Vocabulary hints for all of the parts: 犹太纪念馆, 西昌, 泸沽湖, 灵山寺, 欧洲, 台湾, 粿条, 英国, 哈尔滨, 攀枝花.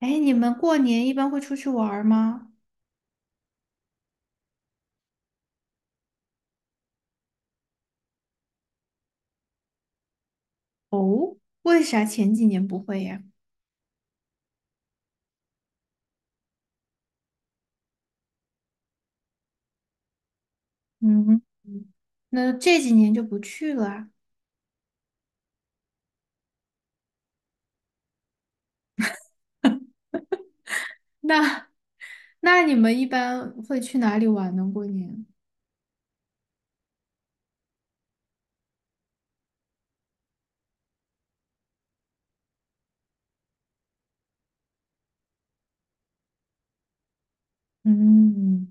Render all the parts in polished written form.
哎，你们过年一般会出去玩儿吗？哦，为啥前几年不会呀？嗯，嗯，那这几年就不去了啊。那 那你们一般会去哪里玩呢？过年？嗯，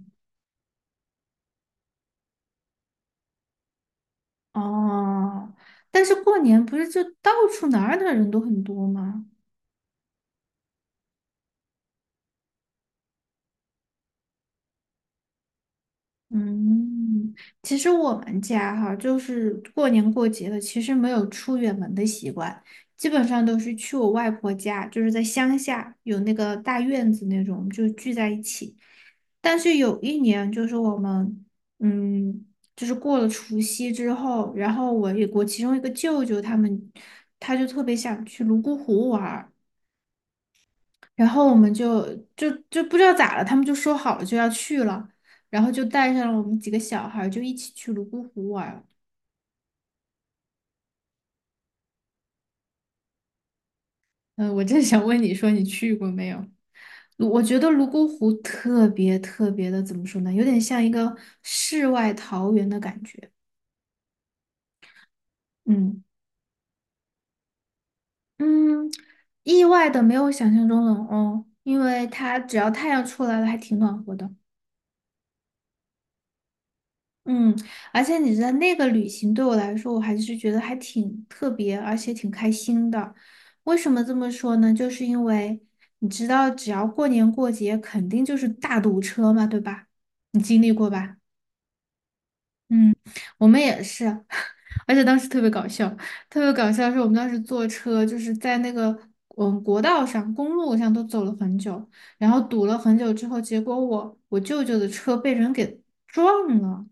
哦，但是过年不是就到处哪儿的人都很多吗？嗯，其实我们家哈，就是过年过节的，其实没有出远门的习惯，基本上都是去我外婆家，就是在乡下有那个大院子那种，就聚在一起。但是有一年，就是我们，嗯，就是过了除夕之后，然后我有我其中一个舅舅他们，他就特别想去泸沽湖玩儿。然后我们就就不知道咋了，他们就说好了就要去了，然后就带上了我们几个小孩儿就一起去泸沽湖玩儿。嗯，我正 想问你说你去过没有？泸我觉得泸沽湖特别特别的，怎么说呢？有点像一个世外桃源的感觉。嗯嗯，意外的没有想象中冷哦，因为它只要太阳出来了，还挺暖和的。嗯，而且你知道那个旅行对我来说，我还是觉得还挺特别，而且挺开心的。为什么这么说呢？就是因为你知道，只要过年过节，肯定就是大堵车嘛，对吧？你经历过吧？嗯，我们也是，而且当时特别搞笑，特别搞笑的是我们当时坐车，就是在那个国道上、公路上都走了很久，然后堵了很久之后，结果我舅舅的车被人给撞了。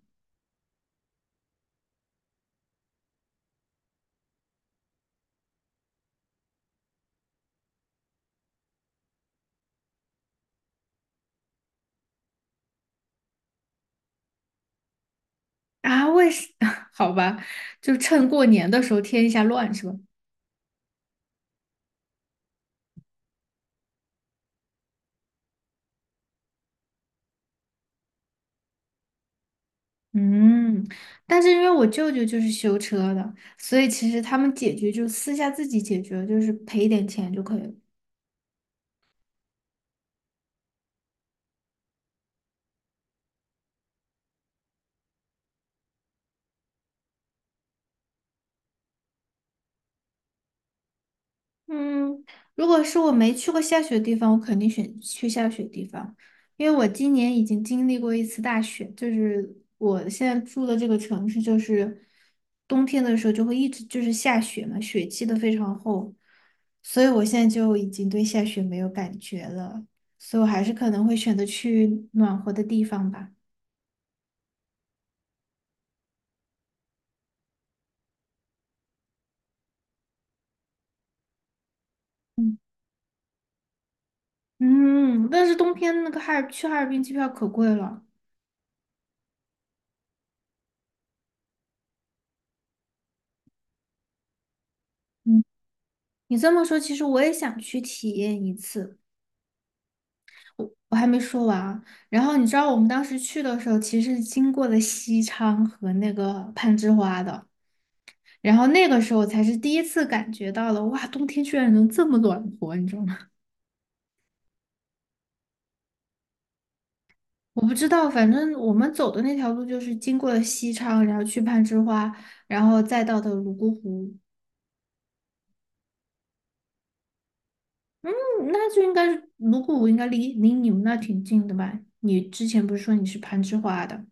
啊，为什？好吧，就趁过年的时候添一下乱是吧？嗯，但是因为我舅舅就是修车的，所以其实他们解决就私下自己解决，就是赔一点钱就可以了。嗯，如果是我没去过下雪的地方，我肯定选去下雪地方，因为我今年已经经历过一次大雪，就是我现在住的这个城市，就是冬天的时候就会一直就是下雪嘛，雪积的非常厚，所以我现在就已经对下雪没有感觉了，所以我还是可能会选择去暖和的地方吧。嗯嗯，但是冬天那个哈尔去哈尔滨机票可贵了。嗯，你这么说，其实我也想去体验一次。我还没说完啊。然后你知道我们当时去的时候，其实是经过了西昌和那个攀枝花的，然后那个时候才是第一次感觉到了，哇，冬天居然能这么暖和，你知道吗？我不知道，反正我们走的那条路就是经过了西昌，然后去攀枝花，然后再到的泸沽湖。嗯，那就应该是泸沽湖应该离你们那挺近的吧？你之前不是说你是攀枝花的？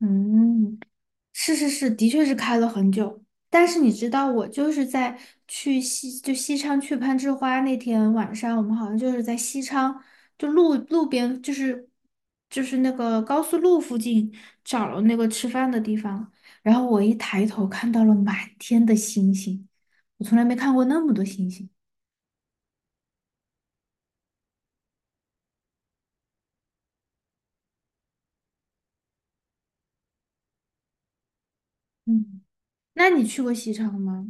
嗯，是是是，的确是开了很久。但是你知道，我就是在去西，就西昌去攀枝花那天晚上，我们好像就是在西昌，就路边，就是就是那个高速路附近找了那个吃饭的地方。然后我一抬头看到了满天的星星，我从来没看过那么多星星。嗯，那你去过西昌吗？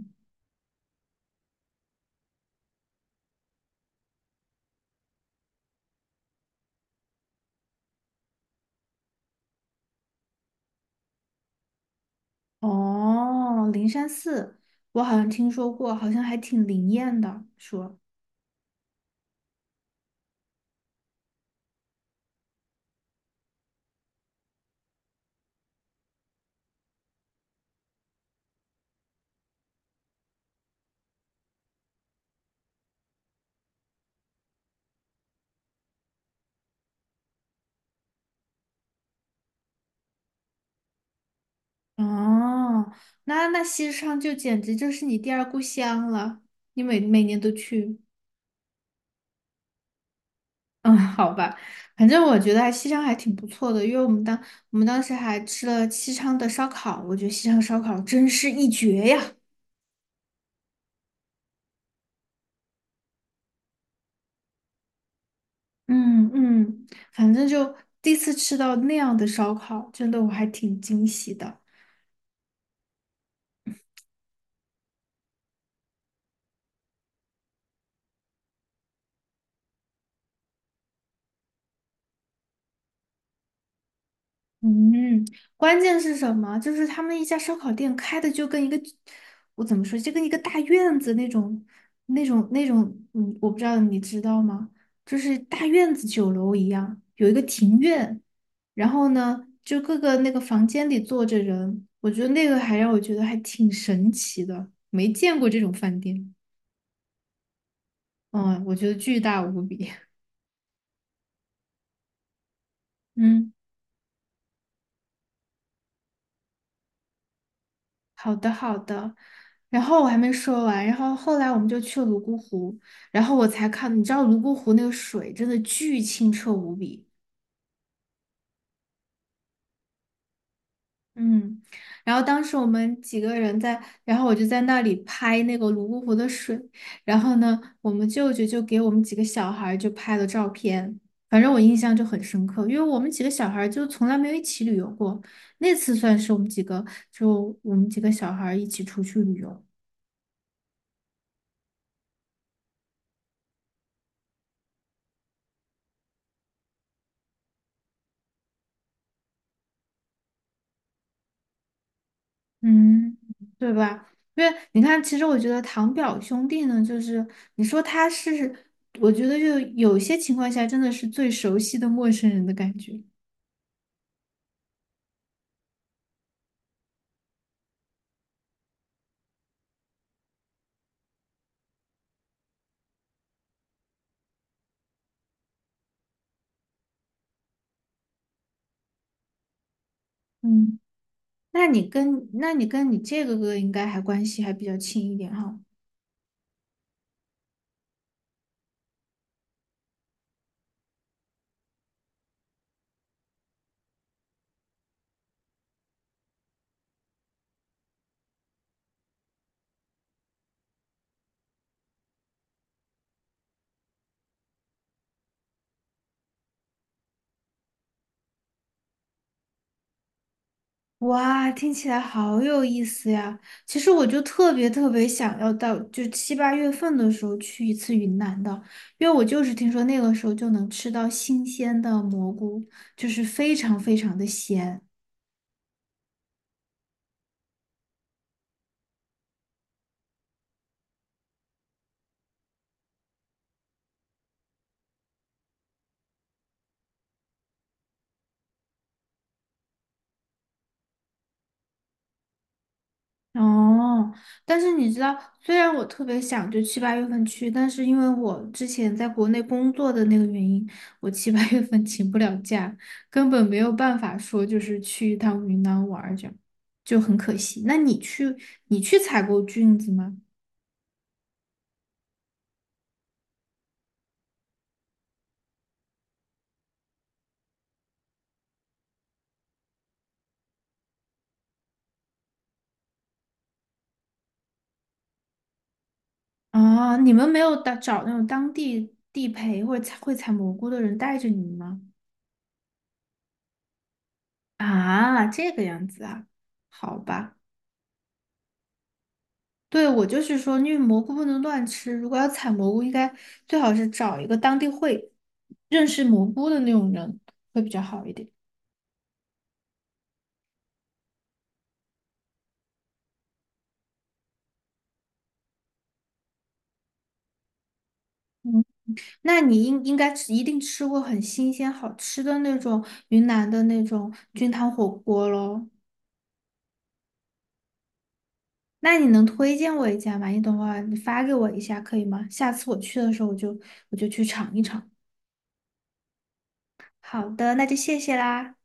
哦，灵山寺，我好像听说过，好像还挺灵验的，说。哦，那那西昌就简直就是你第二故乡了，你每每年都去。嗯，好吧，反正我觉得还西昌还挺不错的，因为我们当时还吃了西昌的烧烤，我觉得西昌烧烤真是一绝呀。嗯嗯，反正就第一次吃到那样的烧烤，真的我还挺惊喜的。嗯，关键是什么？就是他们一家烧烤店开的就跟一个，我怎么说，就跟一个大院子那种，那种，嗯，我不知道你知道吗？就是大院子酒楼一样，有一个庭院，然后呢，就各个那个房间里坐着人，我觉得那个还让我觉得还挺神奇的，没见过这种饭店，嗯，我觉得巨大无比，嗯。好的，好的。然后我还没说完，然后后来我们就去了泸沽湖，然后我才看，你知道泸沽湖那个水真的巨清澈无比，嗯。然后当时我们几个人在，然后我就在那里拍那个泸沽湖的水，然后呢，我们舅舅就给我们几个小孩儿就拍了照片，反正我印象就很深刻，因为我们几个小孩儿就从来没有一起旅游过，那次算是我们几个，就我们几个小孩儿一起出去旅游。嗯，对吧？因为你看，其实我觉得堂表兄弟呢，就是你说他是，我觉得就有些情况下真的是最熟悉的陌生人的感觉。嗯，那你跟你这个哥应该还关系还比较亲一点哈。哇，听起来好有意思呀！其实我就特别特别想要到，就七八月份的时候去一次云南的，因为我就是听说那个时候就能吃到新鲜的蘑菇，就是非常非常的鲜。哦，但是你知道，虽然我特别想就七八月份去，但是因为我之前在国内工作的那个原因，我七八月份请不了假，根本没有办法说就是去一趟云南玩儿这样，就很可惜。那你去采过菌子吗？啊，你们没有打找那种当地地陪或者采会采蘑菇的人带着你们吗？啊，这个样子啊，好吧。对，我就是说，因为蘑菇不能乱吃，如果要采蘑菇，应该最好是找一个当地会认识蘑菇的那种人，会比较好一点。嗯，那你应应该吃，一定吃过很新鲜好吃的那种云南的那种菌汤火锅喽。那你能推荐我一家吗？你等会儿你发给我一下可以吗？下次我去的时候，我就我就去尝一尝。好的，那就谢谢啦。